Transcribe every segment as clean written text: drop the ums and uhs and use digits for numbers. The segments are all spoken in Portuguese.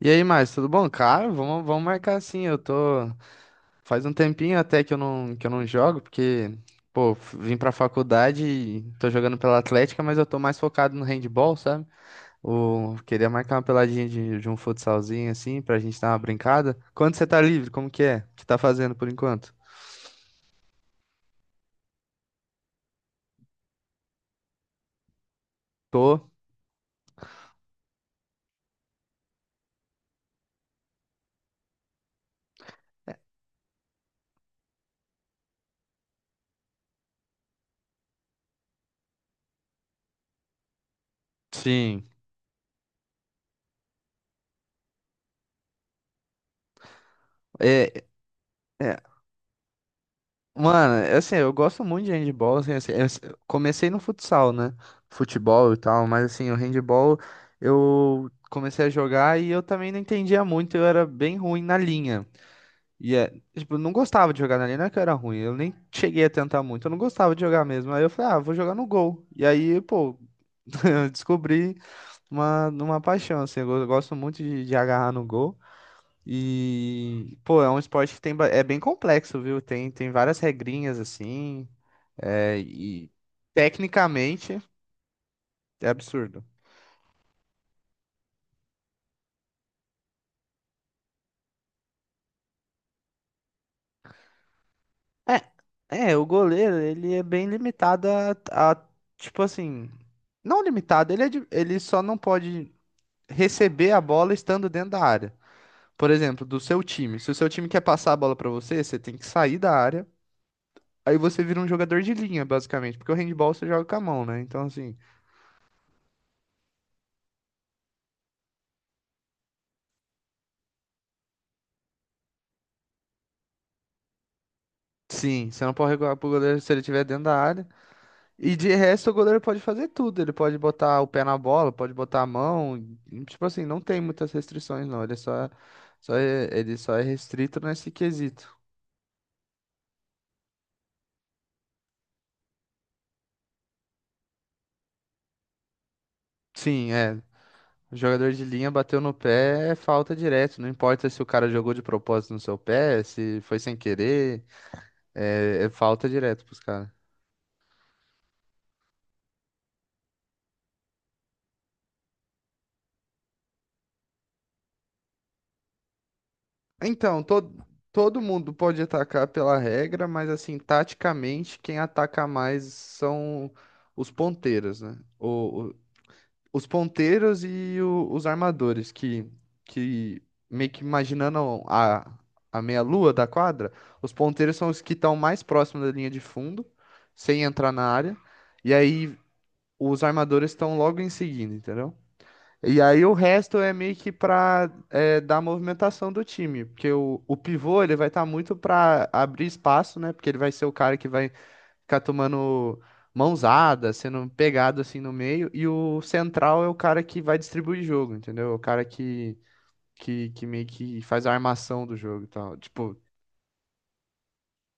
E aí, mais, tudo bom? Cara, vamos marcar sim. Eu tô. Faz um tempinho até que eu não jogo, porque, pô, vim pra faculdade e tô jogando pela Atlética, mas eu tô mais focado no handball, sabe? O... Queria marcar uma peladinha de um futsalzinho assim, pra gente dar uma brincada. Quando você tá livre, como que é? O que tá fazendo por enquanto? Tô. Sim. É, é, Mano, assim, eu gosto muito de handball, assim, eu comecei no futsal, né? Futebol e tal, mas assim, o handball eu comecei a jogar e eu também não entendia muito, eu era bem ruim na linha. E é, tipo, eu não gostava de jogar na linha, não é que eu era ruim, eu nem cheguei a tentar muito, eu não gostava de jogar mesmo. Aí eu falei, ah, vou jogar no gol. E aí, pô, eu descobri uma paixão, assim, eu gosto muito de agarrar no gol. E, pô, é um esporte que tem, é bem complexo, viu? Tem várias regrinhas assim. É, e tecnicamente é absurdo. É, o goleiro, ele é bem limitado a, tipo assim, não limitado, ele, ele só não pode receber a bola estando dentro da área. Por exemplo, do seu time. Se o seu time quer passar a bola pra você, você tem que sair da área. Aí você vira um jogador de linha, basicamente, porque o handball você joga com a mão, né? Então, assim. Sim, você não pode recuar pro goleiro se ele estiver dentro da área. E de resto, o goleiro pode fazer tudo. Ele pode botar o pé na bola, pode botar a mão. Tipo assim, não tem muitas restrições, não. Ele é só, só é, ele só é restrito nesse quesito. Sim, é. O jogador de linha bateu no pé, é falta direto. Não importa se o cara jogou de propósito no seu pé, se foi sem querer, é falta direto pros caras. Então, todo, todo mundo pode atacar pela regra, mas assim, taticamente, quem ataca mais são os ponteiros, né? Os ponteiros e os armadores, que meio que imaginando a meia-lua da quadra, os ponteiros são os que estão mais próximos da linha de fundo, sem entrar na área, e aí os armadores estão logo em seguida, entendeu? E aí o resto é meio que pra dar movimentação do time, porque o pivô ele vai estar muito pra abrir espaço, né? Porque ele vai ser o cara que vai ficar tomando mãozada, sendo pegado assim no meio, e o central é o cara que vai distribuir jogo, entendeu? O cara que meio que faz a armação do jogo e tal. Tipo,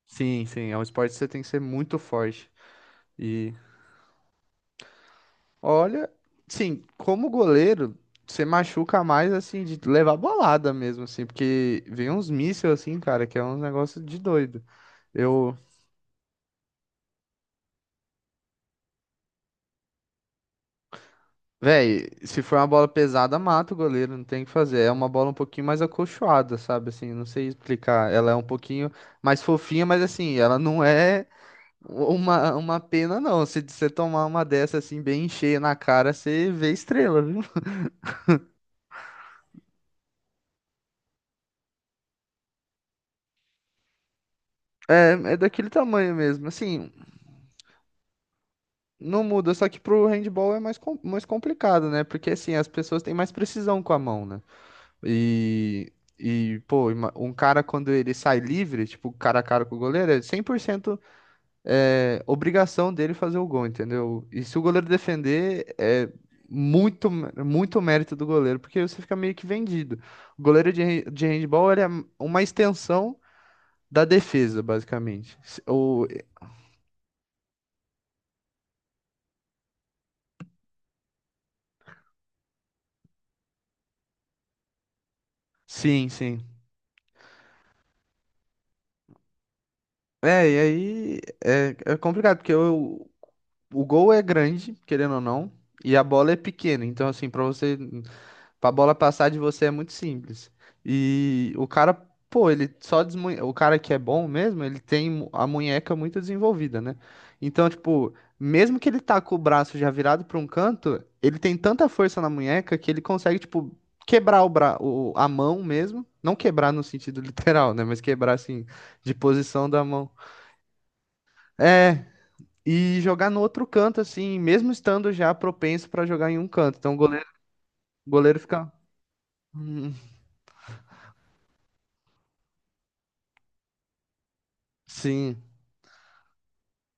sim, sim, é um esporte que você tem que ser muito forte. Olha, sim, como goleiro, você machuca mais assim de levar bolada mesmo assim, porque vem uns mísseis assim, cara, que é um negócio de doido. Eu, véi, se for uma bola pesada, mata o goleiro, não tem o que fazer. É uma bola um pouquinho mais acolchoada, sabe assim, não sei explicar. Ela é um pouquinho mais fofinha, mas assim, ela não é uma pena não. Se você tomar uma dessa assim bem cheia na cara, você vê estrela, viu? É, é daquele tamanho mesmo. Assim, não muda, só que pro handball é mais, mais complicado, né? Porque assim, as pessoas têm mais precisão com a mão, né? E, e pô, um cara quando ele sai livre, tipo, cara a cara com o goleiro, é 100% obrigação dele fazer o gol, entendeu? E se o goleiro defender, é muito, muito mérito do goleiro, porque você fica meio que vendido. O goleiro de, de handball, ele é uma extensão da defesa, basicamente. Sim, sim. E aí é complicado, porque eu, o gol é grande, querendo ou não, e a bola é pequena. Então, assim, pra você, pra bola passar de você é muito simples. E o cara, pô, ele só desmunhe... O cara que é bom mesmo, ele tem a munheca muito desenvolvida, né? Então, tipo, mesmo que ele tá com o braço já virado pra um canto, ele tem tanta força na munheca que ele consegue, tipo, quebrar o bra... a mão mesmo. Não quebrar no sentido literal, né? Mas quebrar, assim, de posição da mão. É, e jogar no outro canto, assim, mesmo estando já propenso pra jogar em um canto. Então o goleiro fica. Hum. Sim,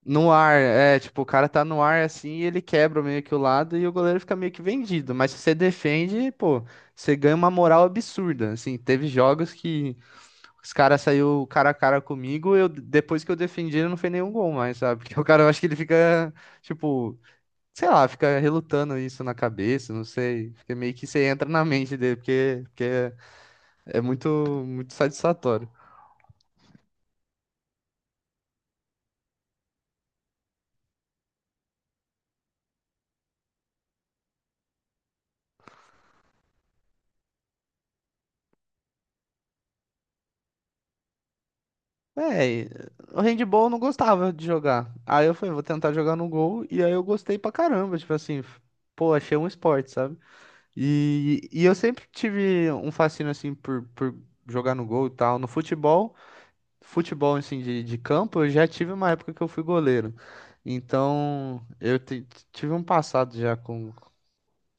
no ar. É, tipo, o cara tá no ar assim e ele quebra meio que o lado e o goleiro fica meio que vendido. Mas se você defende, pô, você ganha uma moral absurda. Assim, teve jogos que os caras saiu cara a cara comigo, eu depois que eu defendi, ele não fez nenhum gol mais, sabe? Porque o cara, eu acho que ele fica, tipo, sei lá, fica relutando isso na cabeça, não sei. Fica meio que você entra na mente dele, porque é muito, muito satisfatório. É, o handball eu não gostava de jogar. Aí eu falei, vou tentar jogar no gol, e aí eu gostei pra caramba, tipo assim, pô, achei um esporte, sabe? E eu sempre tive um fascínio, assim, por jogar no gol e tal. No futebol, futebol, assim, de campo, eu já tive uma época que eu fui goleiro. Então, eu tive um passado já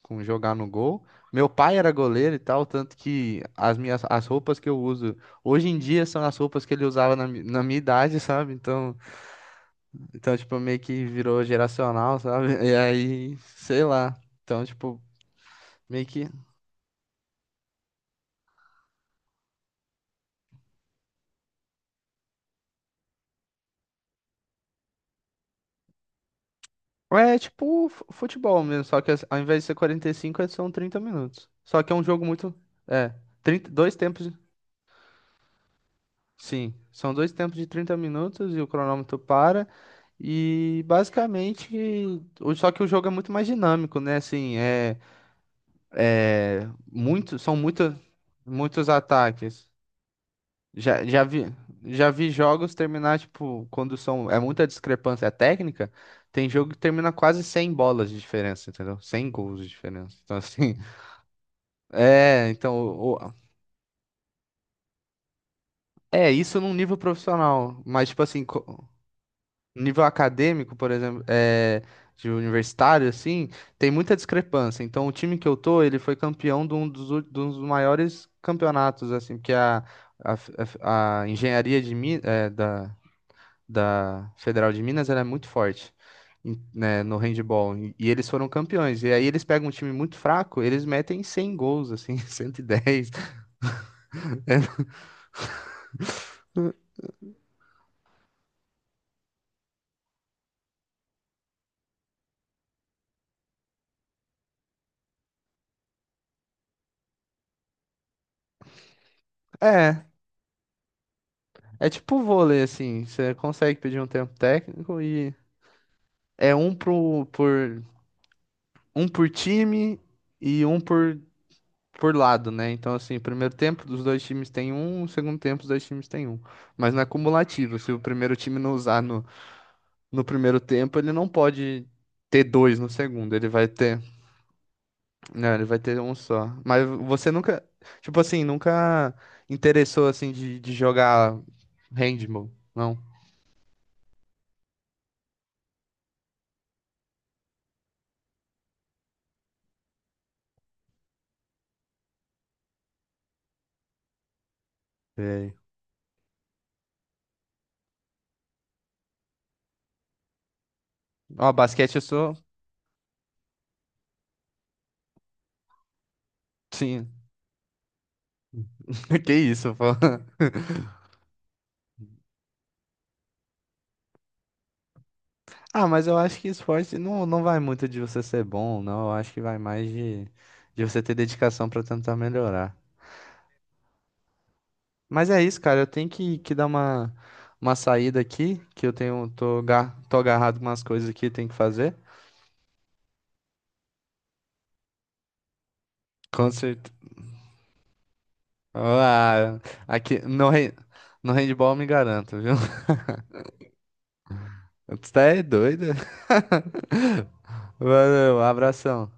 com jogar no gol. Meu pai era goleiro e tal, tanto que as roupas que eu uso hoje em dia são as roupas que ele usava na minha idade, sabe? Então, então tipo meio que virou geracional, sabe? E aí, sei lá. Então, tipo, meio que é tipo futebol mesmo, só que ao invés de ser 45, são 30 minutos. Só que é um jogo muito é, 30, dois tempos. Sim, são dois tempos de 30 minutos e o cronômetro para. E basicamente, só que o jogo é muito mais dinâmico, né? Assim, é, é muito, são muita, muitos ataques. Já, já vi, já vi jogos terminar, tipo, quando são, é muita discrepância técnica, tem jogo que termina quase 100 bolas de diferença, entendeu? 100 gols de diferença. Então, assim, é, então, é isso num nível profissional, mas, tipo assim, nível acadêmico, por exemplo, é, de universitário, assim, tem muita discrepância. Então, o time que eu tô, ele foi campeão de um dos, de um dos maiores campeonatos, assim, porque a engenharia de, Mi- é, da, da Federal de Minas, ela é muito forte. Né, no handball, e eles foram campeões. E aí eles pegam um time muito fraco, eles metem 100 gols, assim, 110. É, é tipo vôlei, assim, você consegue pedir um tempo técnico e é um por um por time e um por lado, né? Então, assim, primeiro tempo dos dois times tem um, segundo tempo dos dois times tem um. Mas não é cumulativo. Se o primeiro time não usar no primeiro tempo, ele não pode ter dois no segundo. Ele vai ter. Né, ele vai ter um só. Mas você nunca. Tipo assim, nunca interessou assim de jogar handball, não? Sei. Ó, basquete eu sou. Sim. Que isso, pô. Ah, mas eu acho que esporte não, não vai muito de você ser bom, não. Eu acho que vai mais de você ter dedicação pra tentar melhorar. Mas é isso, cara. Eu tenho que dar uma saída aqui, que eu tenho, tô, tô agarrado com umas coisas aqui, tenho que fazer. Com certeza. Ah, aqui no, no handball eu me garanto, viu? Você tá é doido. Valeu, abração.